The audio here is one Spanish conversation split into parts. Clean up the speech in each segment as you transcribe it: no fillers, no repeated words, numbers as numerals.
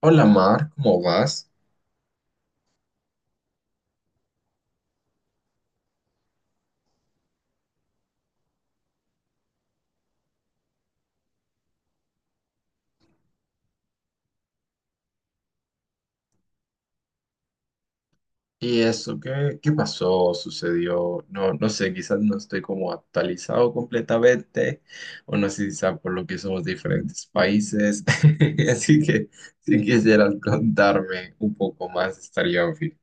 Hola Mar, ¿cómo vas? ¿Y eso qué pasó? ¿Sucedió? No sé, quizás no estoy como actualizado completamente, o no sé si por lo que somos de diferentes países. Así que si quisieras contarme un poco más, estaría bien.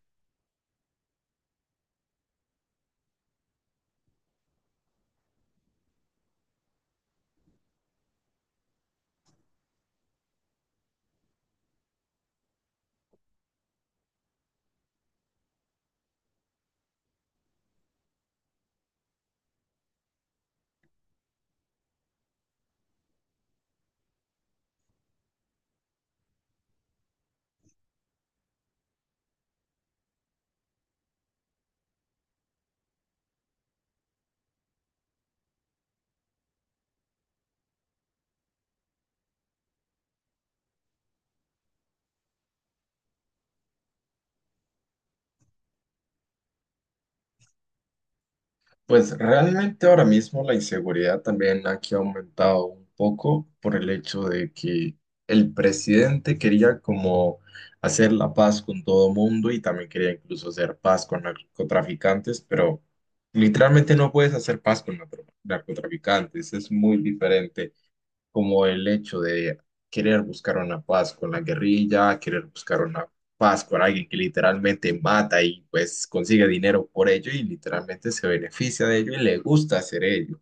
Pues realmente ahora mismo la inseguridad también aquí ha aumentado un poco por el hecho de que el presidente quería como hacer la paz con todo mundo y también quería incluso hacer paz con narcotraficantes, pero literalmente no puedes hacer paz con narcotraficantes, es muy diferente como el hecho de querer buscar una paz con la guerrilla, querer buscar una paz con alguien que literalmente mata y pues consigue dinero por ello y literalmente se beneficia de ello y le gusta hacer ello.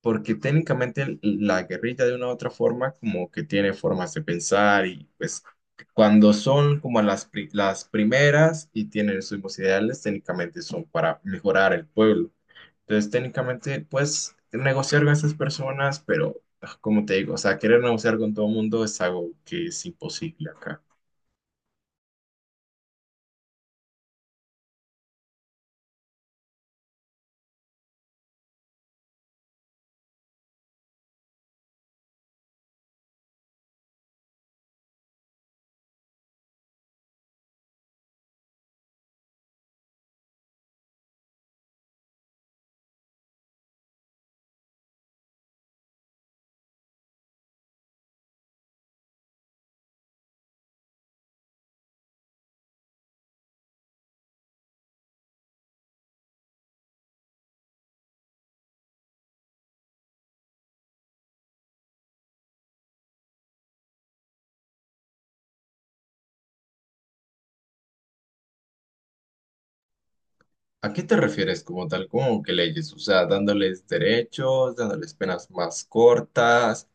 Porque técnicamente la guerrilla de una u otra forma como que tiene formas de pensar y pues cuando son como las primeras y tienen sus mismos ideales, técnicamente son para mejorar el pueblo. Entonces, técnicamente puedes negociar con esas personas, pero como te digo, o sea, querer negociar con todo el mundo es algo que es imposible acá. ¿A qué te refieres como tal? ¿Cómo que leyes? O sea, dándoles derechos, dándoles penas más cortas,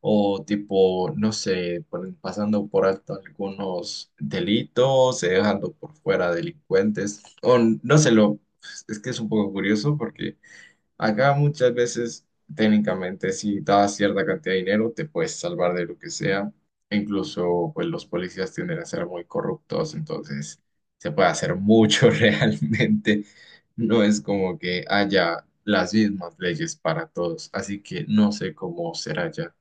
o tipo, no sé, pasando por alto algunos delitos, dejando por fuera delincuentes, o no sé, lo, es que es un poco curioso porque... Acá muchas veces, técnicamente, si das cierta cantidad de dinero, te puedes salvar de lo que sea. E incluso, pues los policías tienden a ser muy corruptos, entonces se puede hacer mucho realmente. No es como que haya las mismas leyes para todos, así que no sé cómo será ya.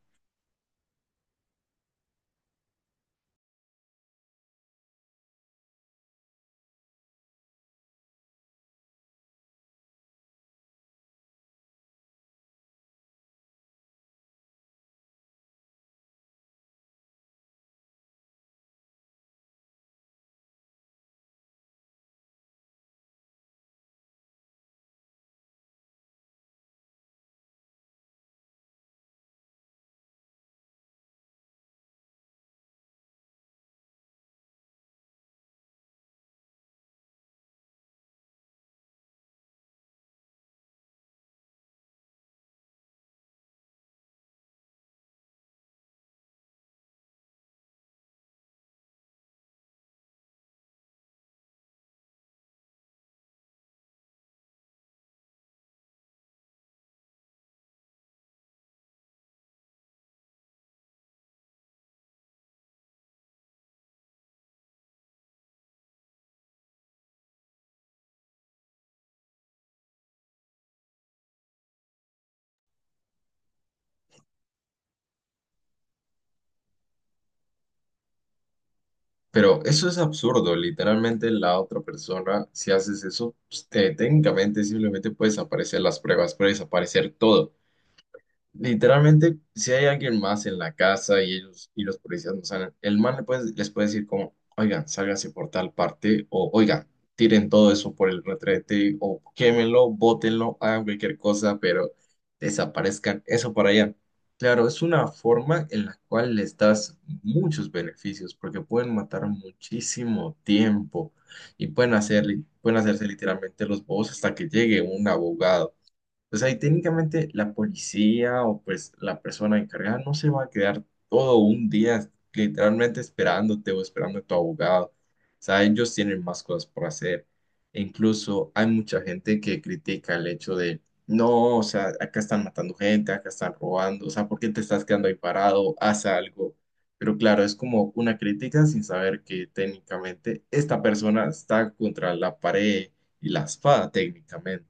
Pero eso es absurdo, literalmente la otra persona, si haces eso, pues, técnicamente simplemente puedes aparecer las pruebas, puedes aparecer todo. Literalmente, si hay alguien más en la casa y ellos y los policías no salen, el man les puede decir como, oigan, sálganse por tal parte, o oigan, tiren todo eso por el retrete, o quémenlo, bótenlo, hagan cualquier cosa, pero desaparezcan eso para allá. Claro, es una forma en la cual les das muchos beneficios, porque pueden matar muchísimo tiempo y pueden hacerse literalmente los bobos hasta que llegue un abogado. Pues ahí técnicamente la policía o pues la persona encargada no se va a quedar todo un día literalmente esperándote o esperando a tu abogado. O sea, ellos tienen más cosas por hacer. E incluso hay mucha gente que critica el hecho de, no, o sea, acá están matando gente, acá están robando, o sea, ¿por qué te estás quedando ahí parado? Haz algo. Pero claro, es como una crítica sin saber que técnicamente esta persona está contra la pared y la espada técnicamente.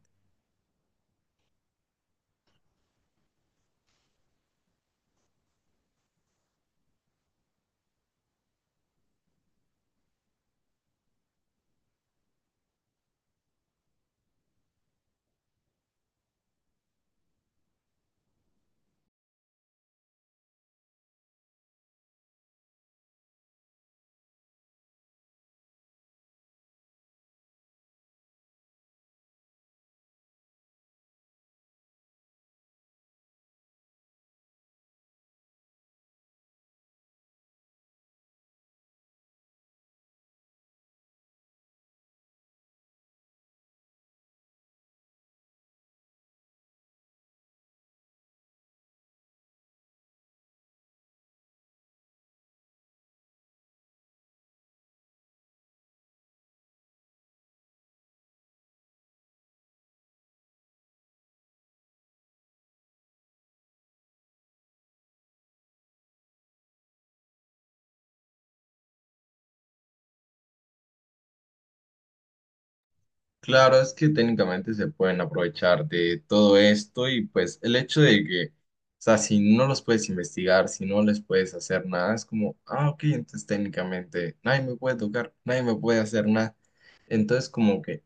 Claro, es que técnicamente se pueden aprovechar de todo esto y pues el hecho de que, o sea, si no los puedes investigar, si no les puedes hacer nada, es como, ah, ok, entonces técnicamente nadie me puede tocar, nadie me puede hacer nada. Entonces como que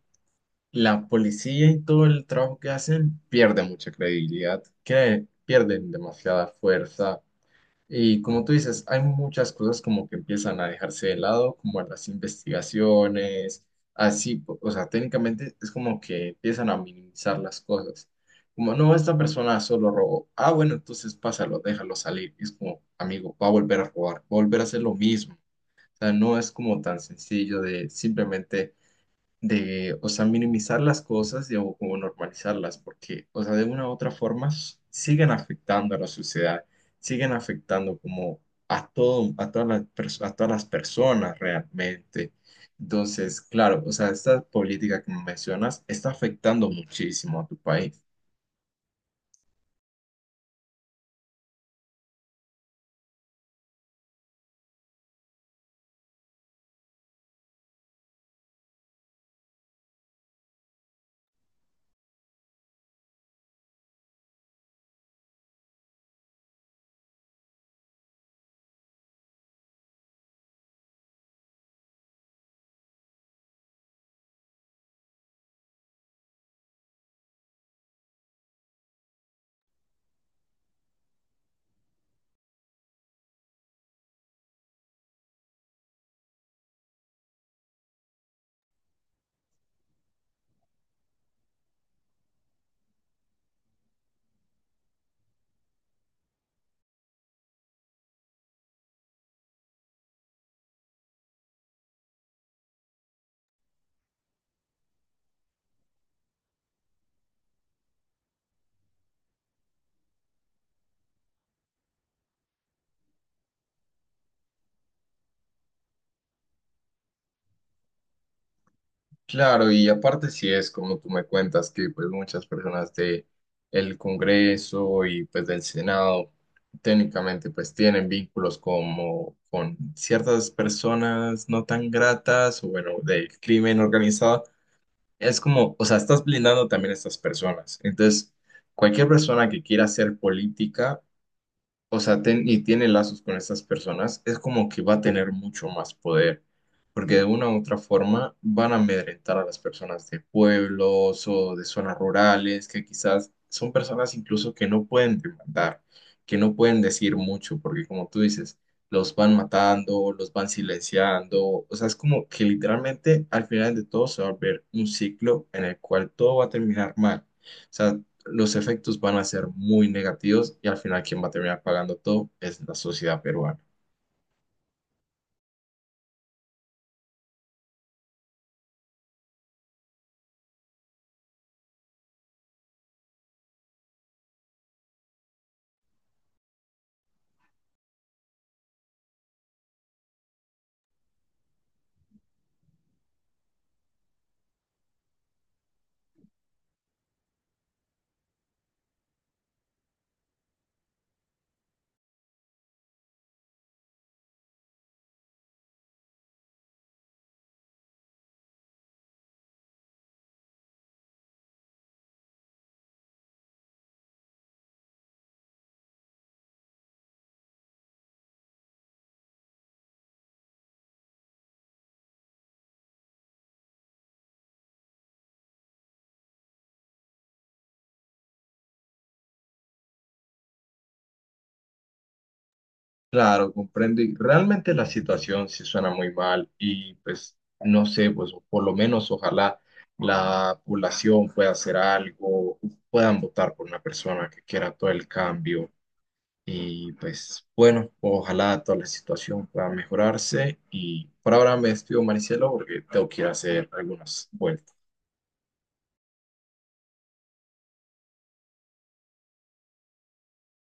la policía y todo el trabajo que hacen pierde mucha credibilidad, que pierden demasiada fuerza y como tú dices, hay muchas cosas como que empiezan a dejarse de lado, como las investigaciones, así, o sea, técnicamente es como que empiezan a minimizar las cosas. Como, no, esta persona solo robó. Ah, bueno, entonces pásalo, déjalo salir. Y es como, amigo, va a volver a robar, va a volver a hacer lo mismo. O sea, no es como tan sencillo de simplemente de, o sea, minimizar las cosas y, o como normalizarlas, porque, o sea, de una u otra forma siguen afectando a la sociedad, siguen afectando como a todo, a a todas las personas realmente. Entonces, claro, o sea, esta política que mencionas está afectando muchísimo a tu país. Claro, y aparte si es como tú me cuentas que pues muchas personas de el Congreso y pues del Senado técnicamente pues tienen vínculos como con ciertas personas no tan gratas o bueno, del crimen organizado, es como, o sea, estás blindando también a estas personas. Entonces, cualquier persona que quiera hacer política o sea, y tiene lazos con estas personas, es como que va a tener mucho más poder, porque de una u otra forma van a amedrentar a las personas de pueblos o de zonas rurales, que quizás son personas incluso que no pueden demandar, que no pueden decir mucho, porque como tú dices, los van matando, los van silenciando, o sea, es como que literalmente al final de todo se va a ver un ciclo en el cual todo va a terminar mal. O sea, los efectos van a ser muy negativos y al final quien va a terminar pagando todo es la sociedad peruana. Claro, comprendo y realmente la situación sí suena muy mal y pues no sé, pues por lo menos ojalá la población pueda hacer algo, puedan votar por una persona que quiera todo el cambio y pues bueno, ojalá toda la situación pueda mejorarse y por ahora me despido Maricelo porque tengo que ir a hacer algunas vueltas.